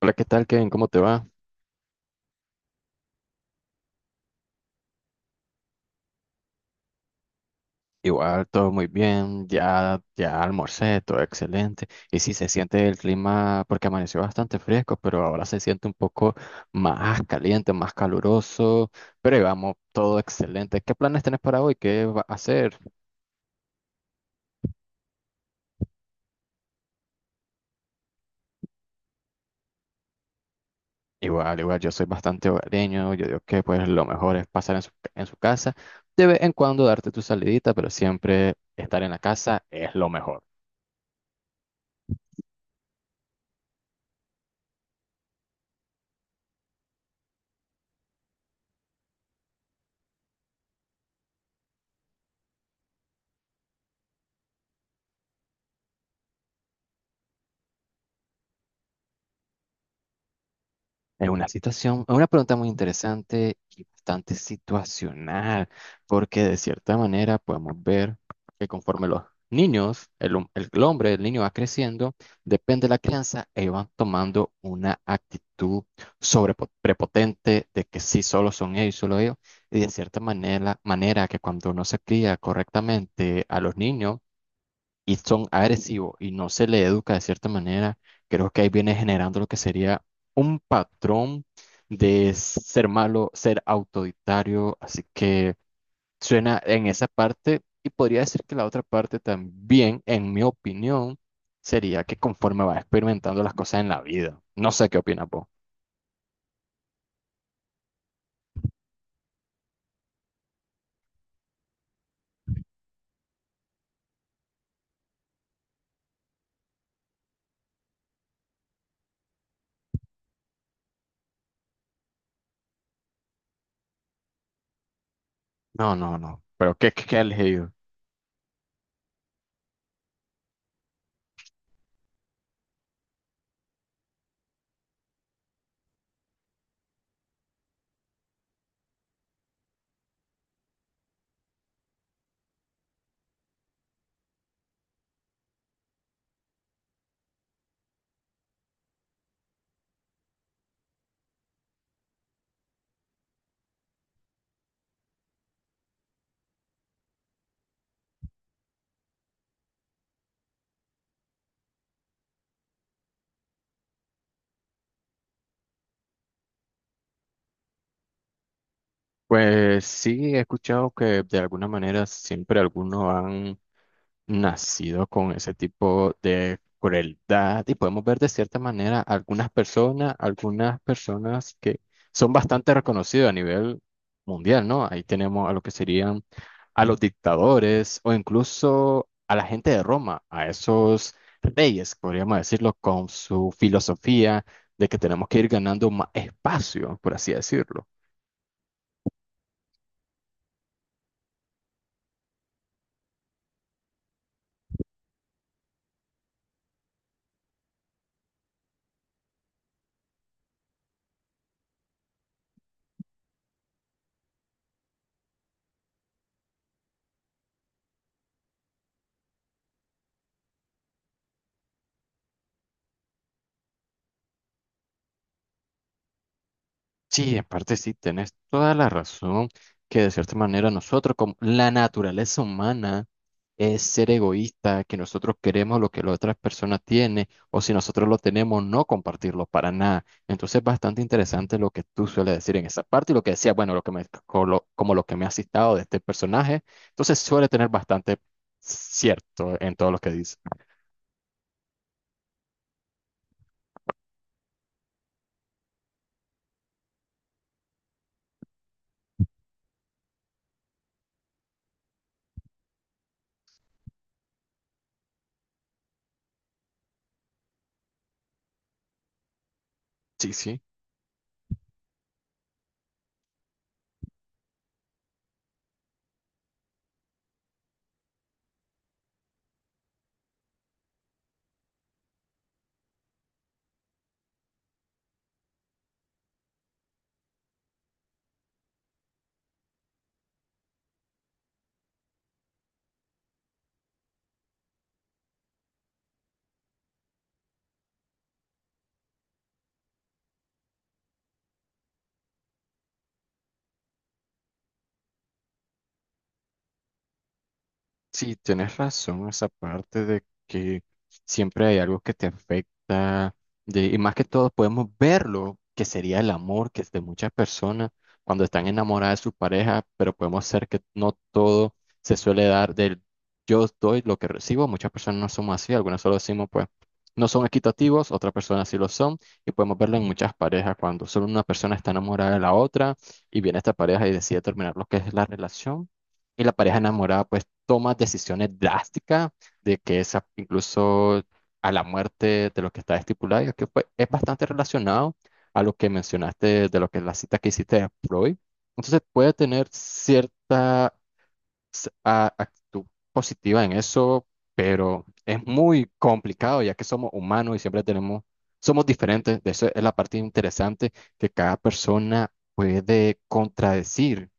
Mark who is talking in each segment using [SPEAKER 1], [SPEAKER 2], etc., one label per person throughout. [SPEAKER 1] Hola, ¿qué tal, Kevin? ¿Cómo te va? Igual, todo muy bien, ya almorcé, todo excelente. Y sí, se siente el clima, porque amaneció bastante fresco, pero ahora se siente un poco más caliente, más caluroso, pero vamos, todo excelente. ¿Qué planes tenés para hoy? ¿Qué vas a hacer? Igual, igual, yo soy bastante hogareño, yo digo que pues lo mejor es pasar en su casa, de vez en cuando darte tu salidita, pero siempre estar en la casa es lo mejor. Es una situación, es una pregunta muy interesante y bastante situacional, porque de cierta manera podemos ver que conforme los niños, el hombre, el niño va creciendo, depende de la crianza, ellos van tomando una actitud sobre prepotente de que sí, solo son ellos, solo ellos, y de cierta manera que cuando no se cría correctamente a los niños, y son agresivos y no se le educa de cierta manera, creo que ahí viene generando lo que sería un patrón de ser malo, ser autoritario, así que suena en esa parte y podría decir que la otra parte también, en mi opinión, sería que conforme vas experimentando las cosas en la vida, no sé qué opinas vos. No, no, no, pero ¿qué has elegido? Pues sí, he escuchado que de alguna manera siempre algunos han nacido con ese tipo de crueldad y podemos ver de cierta manera algunas personas que son bastante reconocidas a nivel mundial, ¿no? Ahí tenemos a lo que serían a los dictadores o incluso a la gente de Roma, a esos reyes, podríamos decirlo, con su filosofía de que tenemos que ir ganando más espacio, por así decirlo. Sí, en parte sí, tenés toda la razón que de cierta manera nosotros, como la naturaleza humana, es ser egoísta, que nosotros queremos lo que la otra persona tiene, o si nosotros lo tenemos, no compartirlo para nada. Entonces, es bastante interesante lo que tú sueles decir en esa parte y lo que decía, bueno, lo que me, co- lo- como lo que me has citado de este personaje. Entonces, suele tener bastante cierto en todo lo que dice. Sí, sí. Sí, tienes razón, esa parte de que siempre hay algo que te afecta, de, y más que todo podemos verlo, que sería el amor, que es de muchas personas cuando están enamoradas de su pareja, pero podemos ser que no todo se suele dar del yo doy lo que recibo, muchas personas no somos así, algunas solo decimos pues no son equitativos, otras personas sí lo son, y podemos verlo en muchas parejas cuando solo una persona está enamorada de la otra y viene esta pareja y decide terminar lo que es la relación. Y la pareja enamorada pues tomas decisiones drásticas de que esa incluso a la muerte de lo que está estipulado, y es que pues, es bastante relacionado a lo que mencionaste de lo que la cita que hiciste de Freud. Entonces puede tener cierta actitud positiva en eso, pero es muy complicado ya que somos humanos y siempre tenemos, somos diferentes. De eso es la parte interesante que cada persona puede contradecir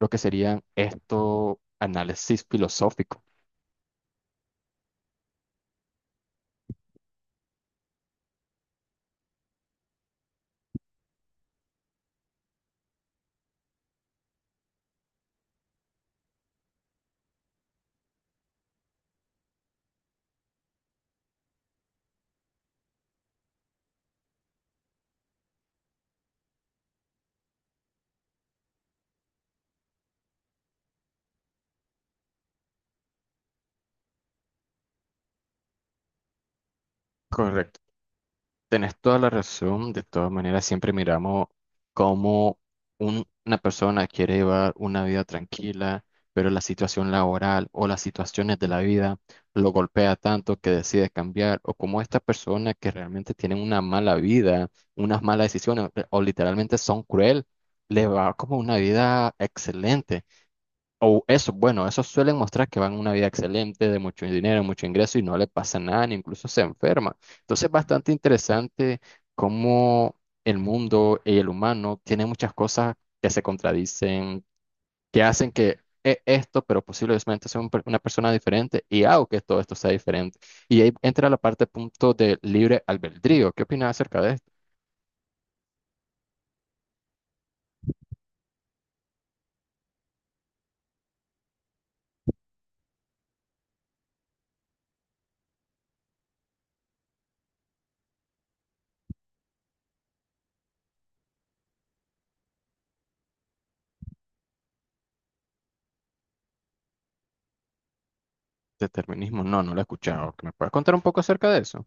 [SPEAKER 1] lo que serían estos análisis filosóficos. Correcto. Tenés toda la razón. De todas maneras, siempre miramos cómo una persona quiere llevar una vida tranquila, pero la situación laboral o las situaciones de la vida lo golpea tanto que decide cambiar, o como esta persona que realmente tiene una mala vida, unas malas decisiones, o literalmente son cruel, le va como una vida excelente. O eso, bueno, esos suelen mostrar que van una vida excelente, de mucho dinero, mucho ingreso y no le pasa nada, ni incluso se enferma. Entonces es bastante interesante cómo el mundo y el humano tiene muchas cosas que se contradicen, que hacen que esto, pero posiblemente sea una persona diferente y hago que todo esto sea diferente. Y ahí entra la parte punto de libre albedrío. ¿Qué opinas acerca de esto? Determinismo, no, no lo he escuchado. ¿Me puedes contar un poco acerca de eso?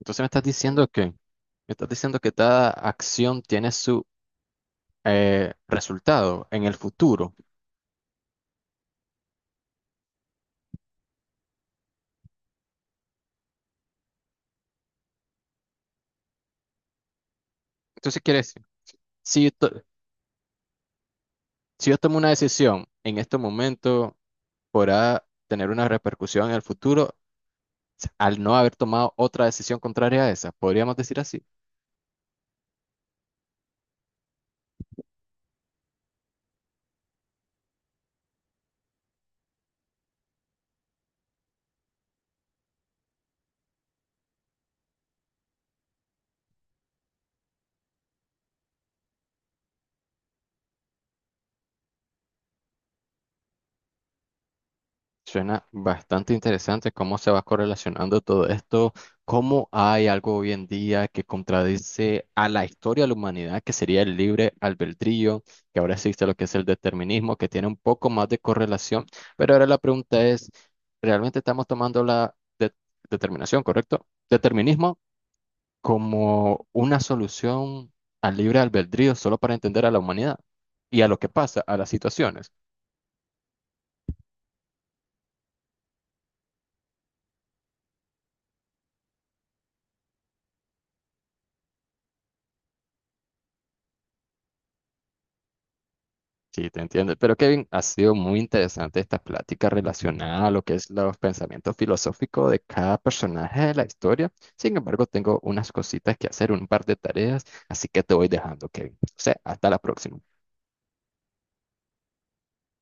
[SPEAKER 1] Entonces me estás diciendo que, me estás diciendo que cada acción tiene su resultado en el futuro. Entonces quiere decir, si yo, to- si yo tomo una decisión en este momento, podrá tener una repercusión en el futuro al no haber tomado otra decisión contraria a esa. ¿Podríamos decir así? Suena bastante interesante cómo se va correlacionando todo esto, cómo hay algo hoy en día que contradice a la historia de la humanidad, que sería el libre albedrío, que ahora existe lo que es el determinismo, que tiene un poco más de correlación, pero ahora la pregunta es, ¿realmente estamos tomando determinación, correcto? Determinismo como una solución al libre albedrío solo para entender a la humanidad y a lo que pasa, a las situaciones. Sí, te entiendo. Pero Kevin, ha sido muy interesante esta plática relacionada a lo que es los pensamientos filosóficos de cada personaje de la historia. Sin embargo, tengo unas cositas que hacer, un par de tareas, así que te voy dejando, Kevin. O sea, hasta la próxima.